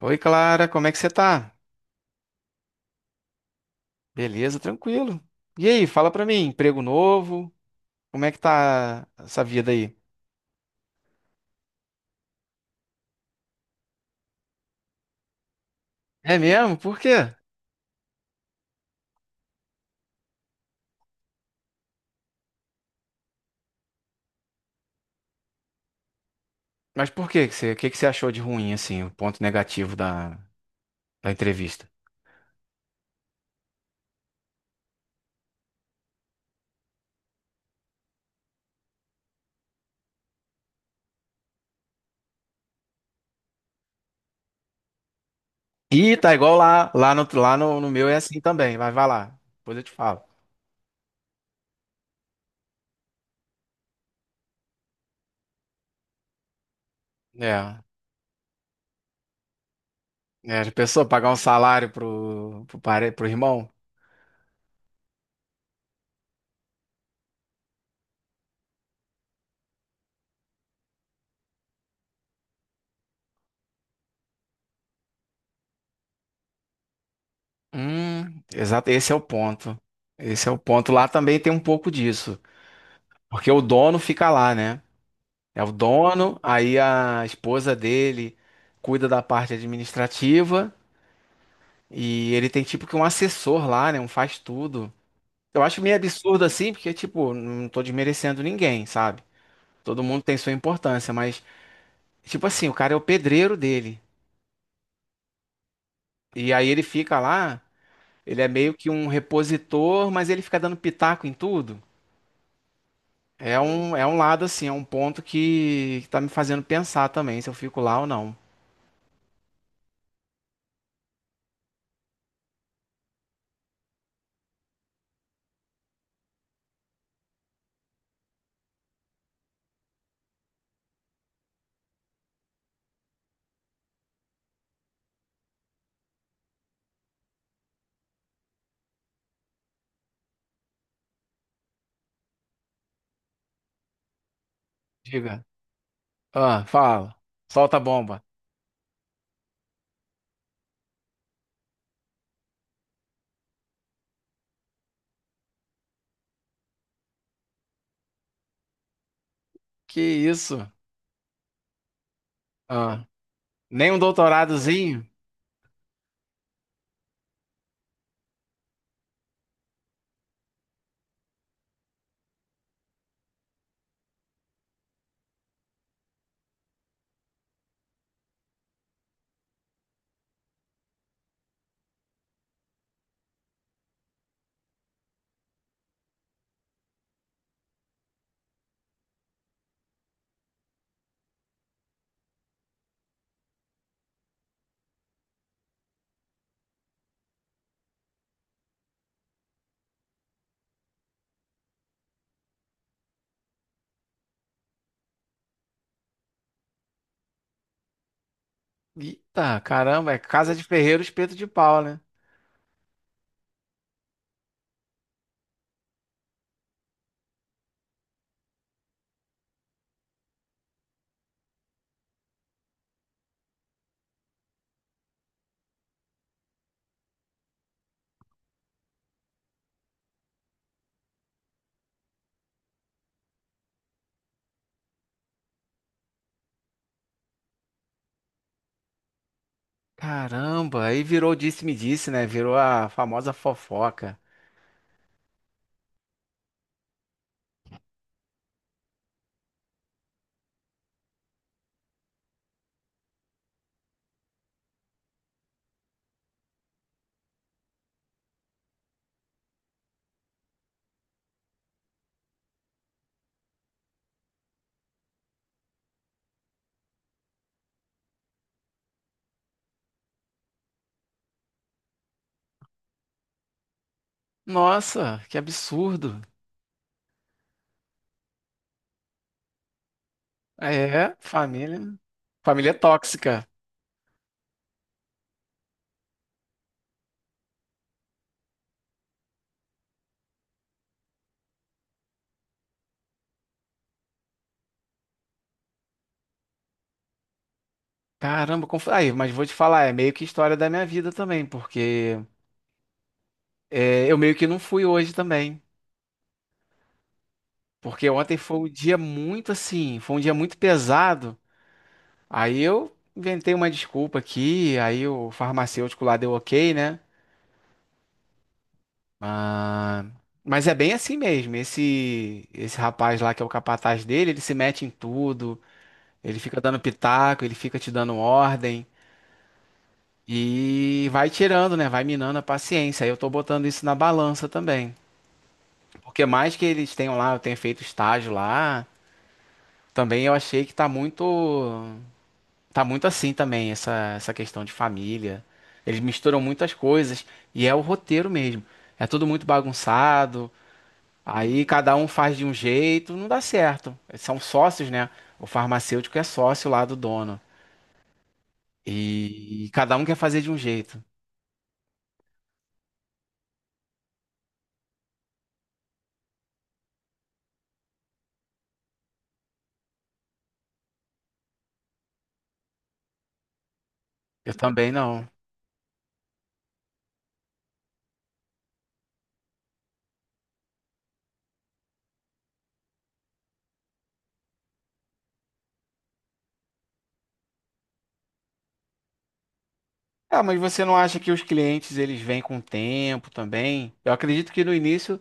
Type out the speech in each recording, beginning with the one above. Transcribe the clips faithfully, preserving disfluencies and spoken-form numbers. Oi, Clara, como é que você tá? Beleza, tranquilo. E aí, fala pra mim, emprego novo? Como é que tá essa vida aí? É mesmo? Por quê? Mas por quê que você, o que que você achou de ruim, assim, o ponto negativo da, da entrevista? Ih, tá igual lá, lá no, lá no, no meu é assim também, mas vai lá, depois eu te falo. É, é, já pensou pagar um salário pro, pro, pare- pro irmão? Hum, exato, esse é o ponto. Esse é o ponto. Lá também tem um pouco disso, porque o dono fica lá, né? É o dono, aí a esposa dele cuida da parte administrativa e ele tem tipo que um assessor lá, né? Um faz tudo. Eu acho meio absurdo assim, porque tipo, não tô desmerecendo ninguém, sabe? Todo mundo tem sua importância, mas tipo assim, o cara é o pedreiro dele. E aí ele fica lá, ele é meio que um repositor, mas ele fica dando pitaco em tudo. É um, é um lado assim, é um ponto que, que tá me fazendo pensar também se eu fico lá ou não. Diga. Ah, fala. Solta a bomba. Que isso? Ah, nem um doutoradozinho? Eita, caramba, é casa de ferreiro, espeto de pau, né? Caramba, aí virou disse-me-disse, né? Virou a famosa fofoca. Nossa, que absurdo. É, família. Família tóxica. Caramba, como aí, mas vou te falar, é meio que história da minha vida também, porque é, eu meio que não fui hoje também, porque ontem foi um dia muito assim, foi um dia muito pesado. Aí eu inventei uma desculpa aqui, aí o farmacêutico lá deu ok, né? Ah, mas é bem assim mesmo. Esse esse rapaz lá que é o capataz dele, ele se mete em tudo, ele fica dando pitaco, ele fica te dando ordem e vai tirando, né? Vai minando a paciência. Aí eu tô botando isso na balança também. Porque mais que eles tenham lá, eu tenho feito estágio lá. Também eu achei que tá muito. Tá muito assim também, essa, essa questão de família. Eles misturam muitas coisas e é o roteiro mesmo. É tudo muito bagunçado. Aí cada um faz de um jeito, não dá certo. São sócios, né? O farmacêutico é sócio lá do dono. E, cada um quer fazer de um jeito. Eu também não. Ah, mas você não acha que os clientes eles vêm com o tempo também? Eu acredito que no início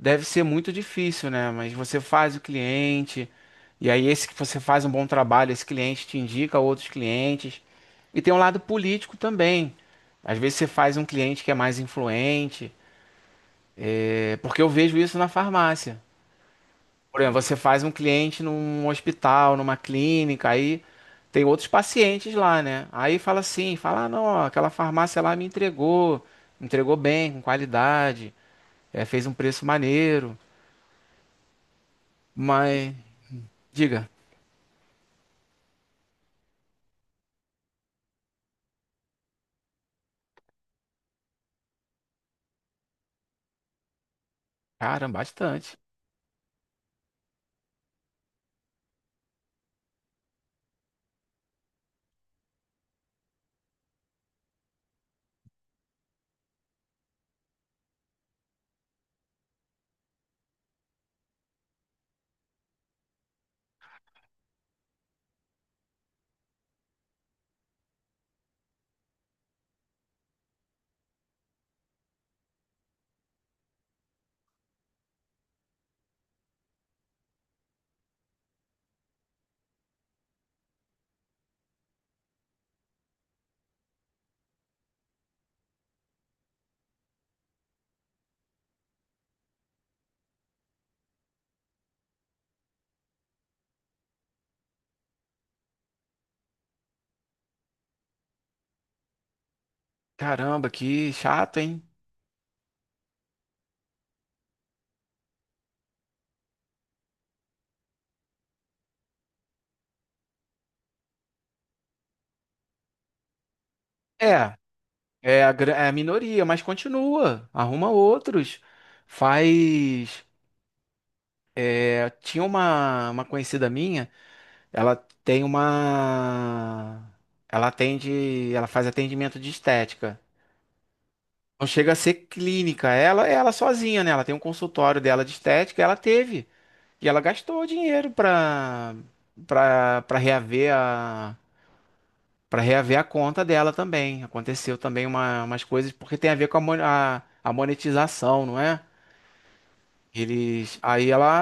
deve ser muito difícil, né? Mas você faz o cliente, e aí esse que você faz um bom trabalho, esse cliente te indica outros clientes. E tem um lado político também. Às vezes você faz um cliente que é mais influente, é, porque eu vejo isso na farmácia. Por exemplo, você faz um cliente num hospital, numa clínica, aí tem outros pacientes lá, né? Aí fala assim, fala, ah, não, ó, aquela farmácia lá me entregou, entregou bem, com qualidade, é, fez um preço maneiro, mas diga. Caramba, bastante. Caramba, que chato, hein? É, é a, gra- é a minoria, mas continua. Arruma outros. Faz. É, tinha uma, uma conhecida minha, ela tem uma. Ela atende. Ela faz atendimento de estética. Não chega a ser clínica. Ela, é ela sozinha, né? Ela tem um consultório dela de estética, ela teve. E ela gastou dinheiro pra, pra, pra reaver a, pra reaver a conta dela também. Aconteceu também uma, umas coisas, porque tem a ver com a, mon- a- a monetização, não é? Eles, aí ela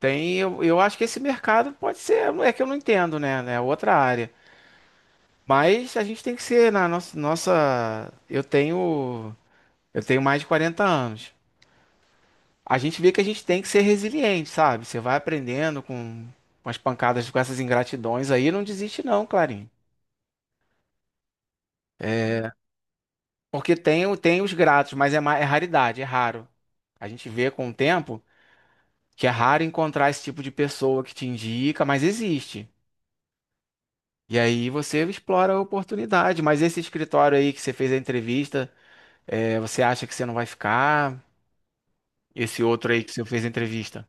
tem, eu, eu acho que esse mercado pode ser, é que eu não entendo, né? É outra área. Mas a gente tem que ser na nossa, nossa, eu tenho, eu tenho mais de quarenta anos. A gente vê que a gente tem que ser resiliente, sabe? Você vai aprendendo com, com as pancadas, com essas ingratidões aí, não desiste não, Clarinho. Porque tem, o- tem os gratos, mas é, ma- é raridade, é raro. A gente vê com o tempo que é raro encontrar esse tipo de pessoa que te indica, mas existe. E aí você explora a oportunidade. Mas esse escritório aí que você fez a entrevista, é, você acha que você não vai ficar? Esse outro aí que você fez a entrevista?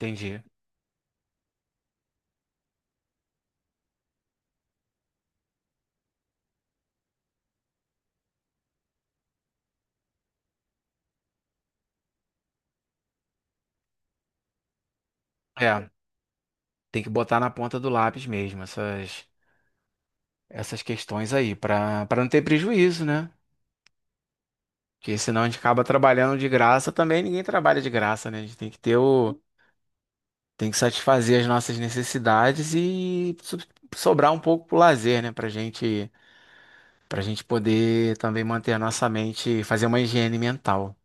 Entendi. É, tem que botar na ponta do lápis mesmo essas, essas questões aí, para para não ter prejuízo, né? Porque senão a gente acaba trabalhando de graça também, ninguém trabalha de graça, né? A gente tem que ter o, tem que satisfazer as nossas necessidades e so-, sobrar um pouco pro lazer, né? Pra gente, pra gente poder também manter a nossa mente, fazer uma higiene mental.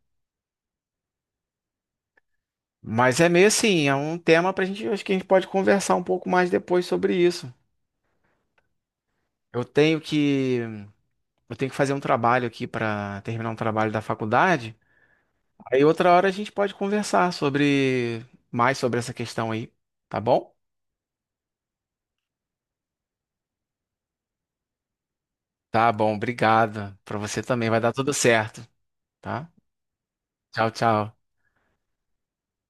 Mas é meio assim, é um tema pra gente, acho que a gente pode conversar um pouco mais depois sobre isso. Eu tenho que, eu tenho que fazer um trabalho aqui para terminar um trabalho da faculdade. Aí outra hora a gente pode conversar sobre mais sobre essa questão aí, tá bom? Tá bom, obrigado. Pra você também vai dar tudo certo, tá? Tchau, tchau.